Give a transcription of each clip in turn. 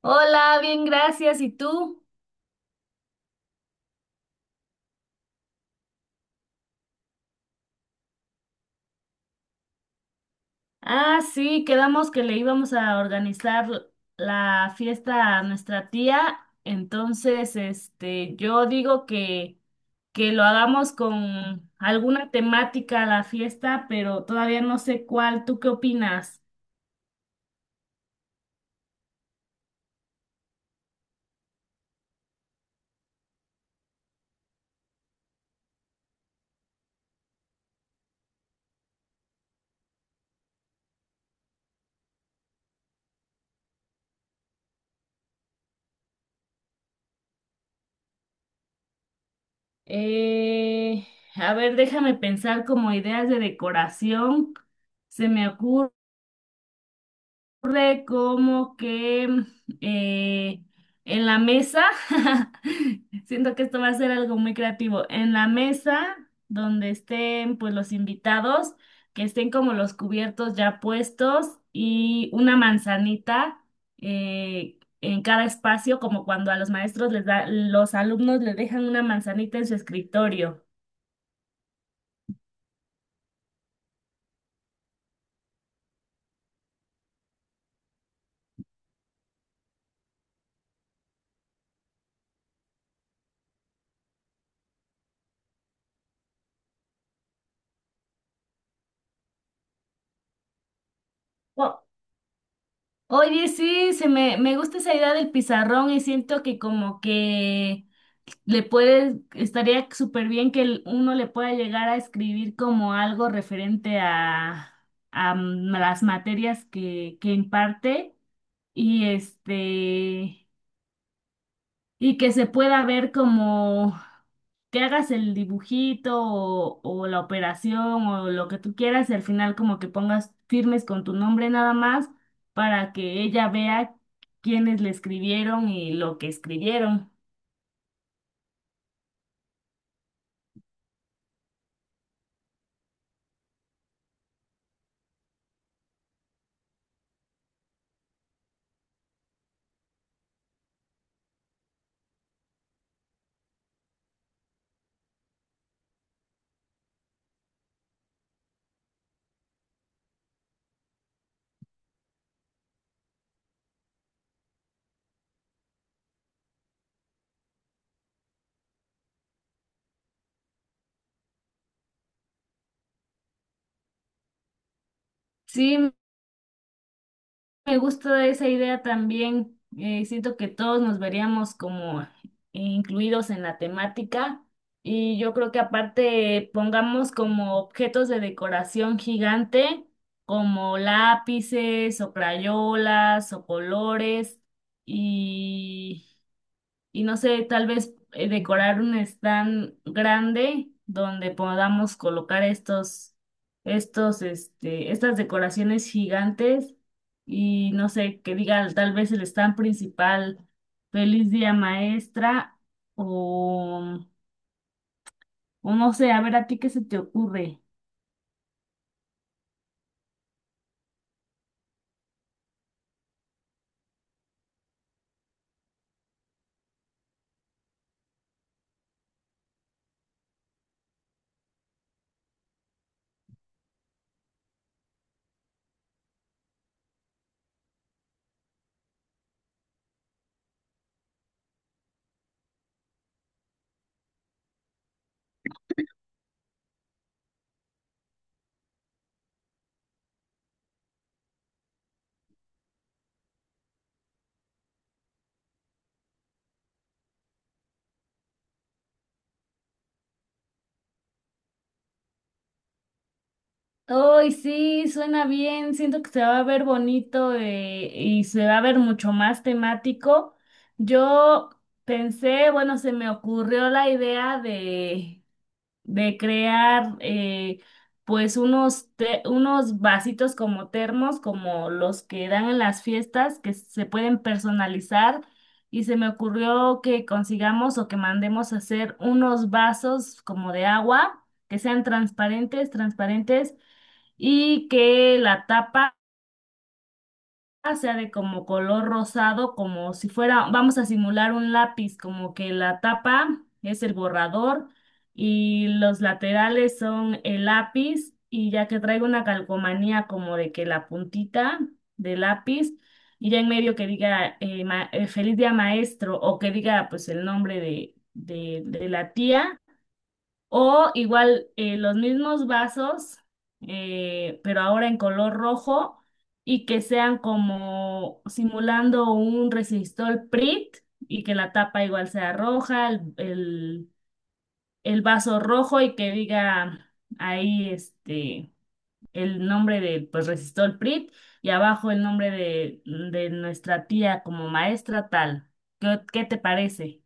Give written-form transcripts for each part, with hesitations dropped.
Hola, bien, gracias. ¿Y tú? Ah, sí, quedamos que le íbamos a organizar la fiesta a nuestra tía. Entonces, yo digo que lo hagamos con alguna temática a la fiesta, pero todavía no sé cuál. ¿Tú qué opinas? Eh, a ver, déjame pensar como ideas de decoración. Se me ocurre. Ocurre como que eh, en la mesa, siento que esto va a ser algo muy creativo, en la mesa donde estén pues los invitados, que estén como los cubiertos ya puestos y una manzanita en cada espacio, como cuando a los maestros les da, los alumnos les dejan una manzanita en su escritorio. O- Oye, sí, me gusta esa idea del pizarrón y siento que como que estaría súper bien que uno le pueda llegar a escribir como algo referente a las materias que imparte y y que se pueda ver como que hagas el dibujito o la operación o lo que tú quieras y al final como que pongas firmes con tu nombre nada más para que ella vea quiénes le escribieron y lo que escribieron. Sí, me gusta esa idea también. Siento que todos nos veríamos como incluidos en la temática y yo creo que aparte pongamos como objetos de decoración gigante como lápices o crayolas o colores y no sé, tal vez decorar un stand grande donde podamos colocar estas decoraciones gigantes y no sé, que diga tal vez el stand principal, feliz día maestra o, o no sé, a ver a ti qué se te ocurre. Ay, sí, suena bien. Siento que se va a ver bonito y se va a ver mucho más temático. Yo pensé, bueno, se me ocurrió la idea de crear pues unos vasitos como termos, como los que dan en las fiestas, que se pueden personalizar. Y se me ocurrió que consigamos o que mandemos a hacer unos vasos como de agua, que sean transparentes y que la tapa sea de como color rosado, como si fuera, vamos a simular un lápiz, como que la tapa es el borrador y los laterales son el lápiz y ya que traiga una calcomanía como de que la puntita del lápiz y ya en medio que diga feliz día maestro o que diga pues el nombre de la tía. O igual los mismos vasos, pero ahora en color rojo y que sean como simulando un resistor PRIT y que la tapa igual sea roja, el vaso rojo y que diga ahí el nombre de pues resistor PRIT y abajo el nombre de nuestra tía como maestra tal. Qué te parece?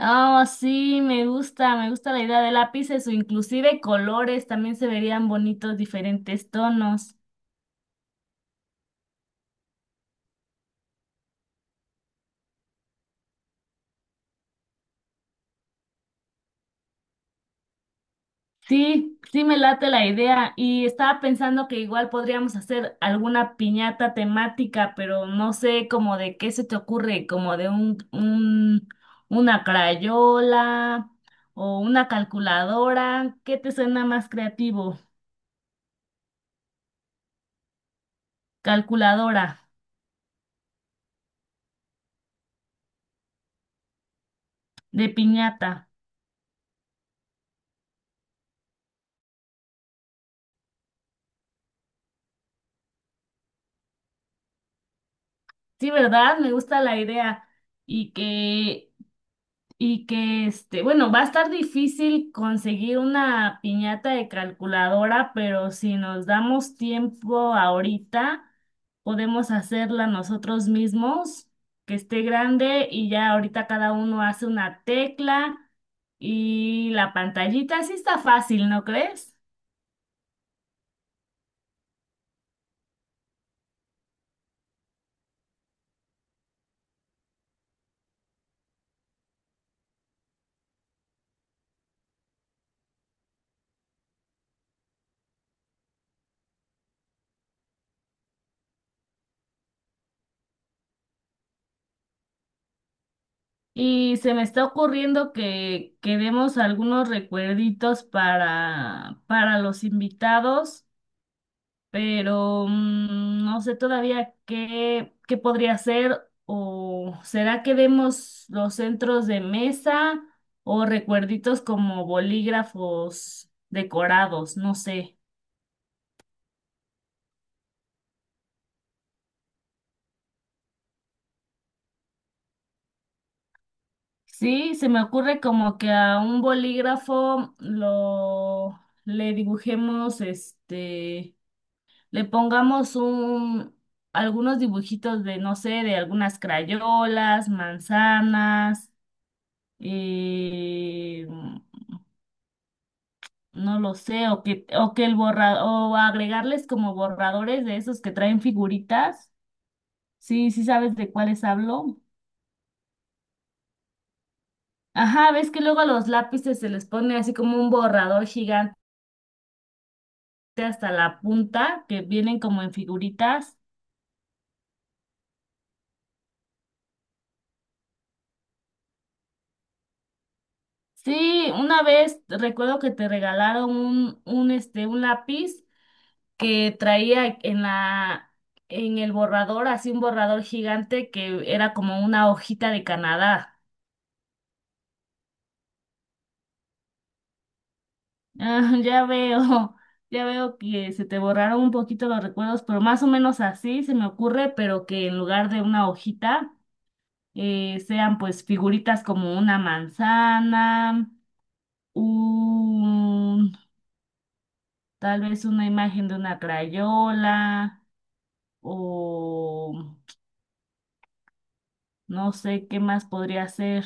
Oh, sí, me gusta la idea de lápices o inclusive colores, también se verían bonitos diferentes tonos. Sí, sí me late la idea y estaba pensando que igual podríamos hacer alguna piñata temática, pero no sé como de qué se te ocurre, como de una crayola o una calculadora, ¿qué te suena más creativo? Calculadora de piñata. Sí, ¿verdad? Me gusta la idea y que y que bueno, va a estar difícil conseguir una piñata de calculadora, pero si nos damos tiempo ahorita, podemos hacerla nosotros mismos, que esté grande y ya ahorita cada uno hace una tecla y la pantallita, sí está fácil, ¿no crees? Y se me está ocurriendo que demos algunos recuerditos para los invitados. Pero no sé todavía qué podría hacer o será que demos los centros de mesa o recuerditos como bolígrafos decorados, no sé. Sí, se me ocurre como que a un bolígrafo lo le dibujemos, le pongamos un algunos dibujitos de, no sé, de algunas crayolas, manzanas, eh, no lo sé, o que o agregarles como borradores de esos que traen figuritas. Sí, sí sabes de cuáles hablo. Ajá, ves que luego a los lápices se les pone así como un borrador gigante hasta la punta, que vienen como en figuritas. Sí, una vez recuerdo que te regalaron un lápiz que traía en en el borrador, así un borrador gigante que era como una hojita de Canadá. Ah, ya veo que se te borraron un poquito los recuerdos, pero más o menos así se me ocurre, pero que en lugar de una hojita sean pues figuritas como una manzana, un, tal vez una imagen de una crayola o no sé qué más podría ser.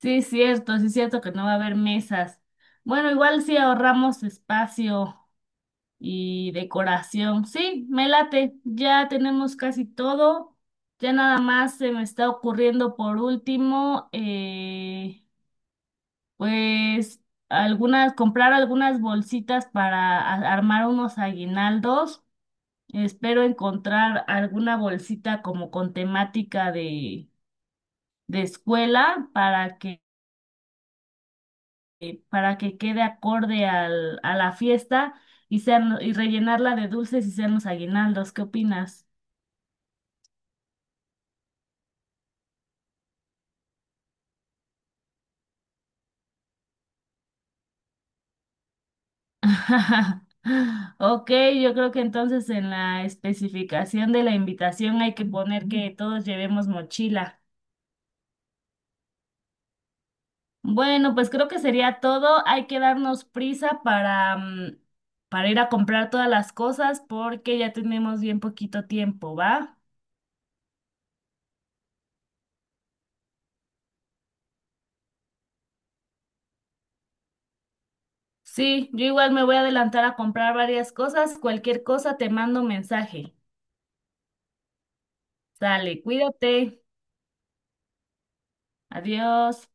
Sí es cierto que no va a haber mesas. Bueno, igual sí ahorramos espacio y decoración. Sí, me late. Ya tenemos casi todo. Ya nada más se me está ocurriendo por último, pues comprar algunas bolsitas para armar unos aguinaldos. Espero encontrar alguna bolsita como con temática de escuela para para que quede acorde a la fiesta y y rellenarla de dulces y sean los aguinaldos. ¿Qué opinas? Ok, yo creo que entonces en la especificación de la invitación hay que poner que todos llevemos mochila. Bueno, pues creo que sería todo. Hay que darnos prisa para, para ir a comprar todas las cosas porque ya tenemos bien poquito tiempo, ¿va? Sí, yo igual me voy a adelantar a comprar varias cosas. Cualquier cosa te mando un mensaje. Sale, cuídate. Adiós.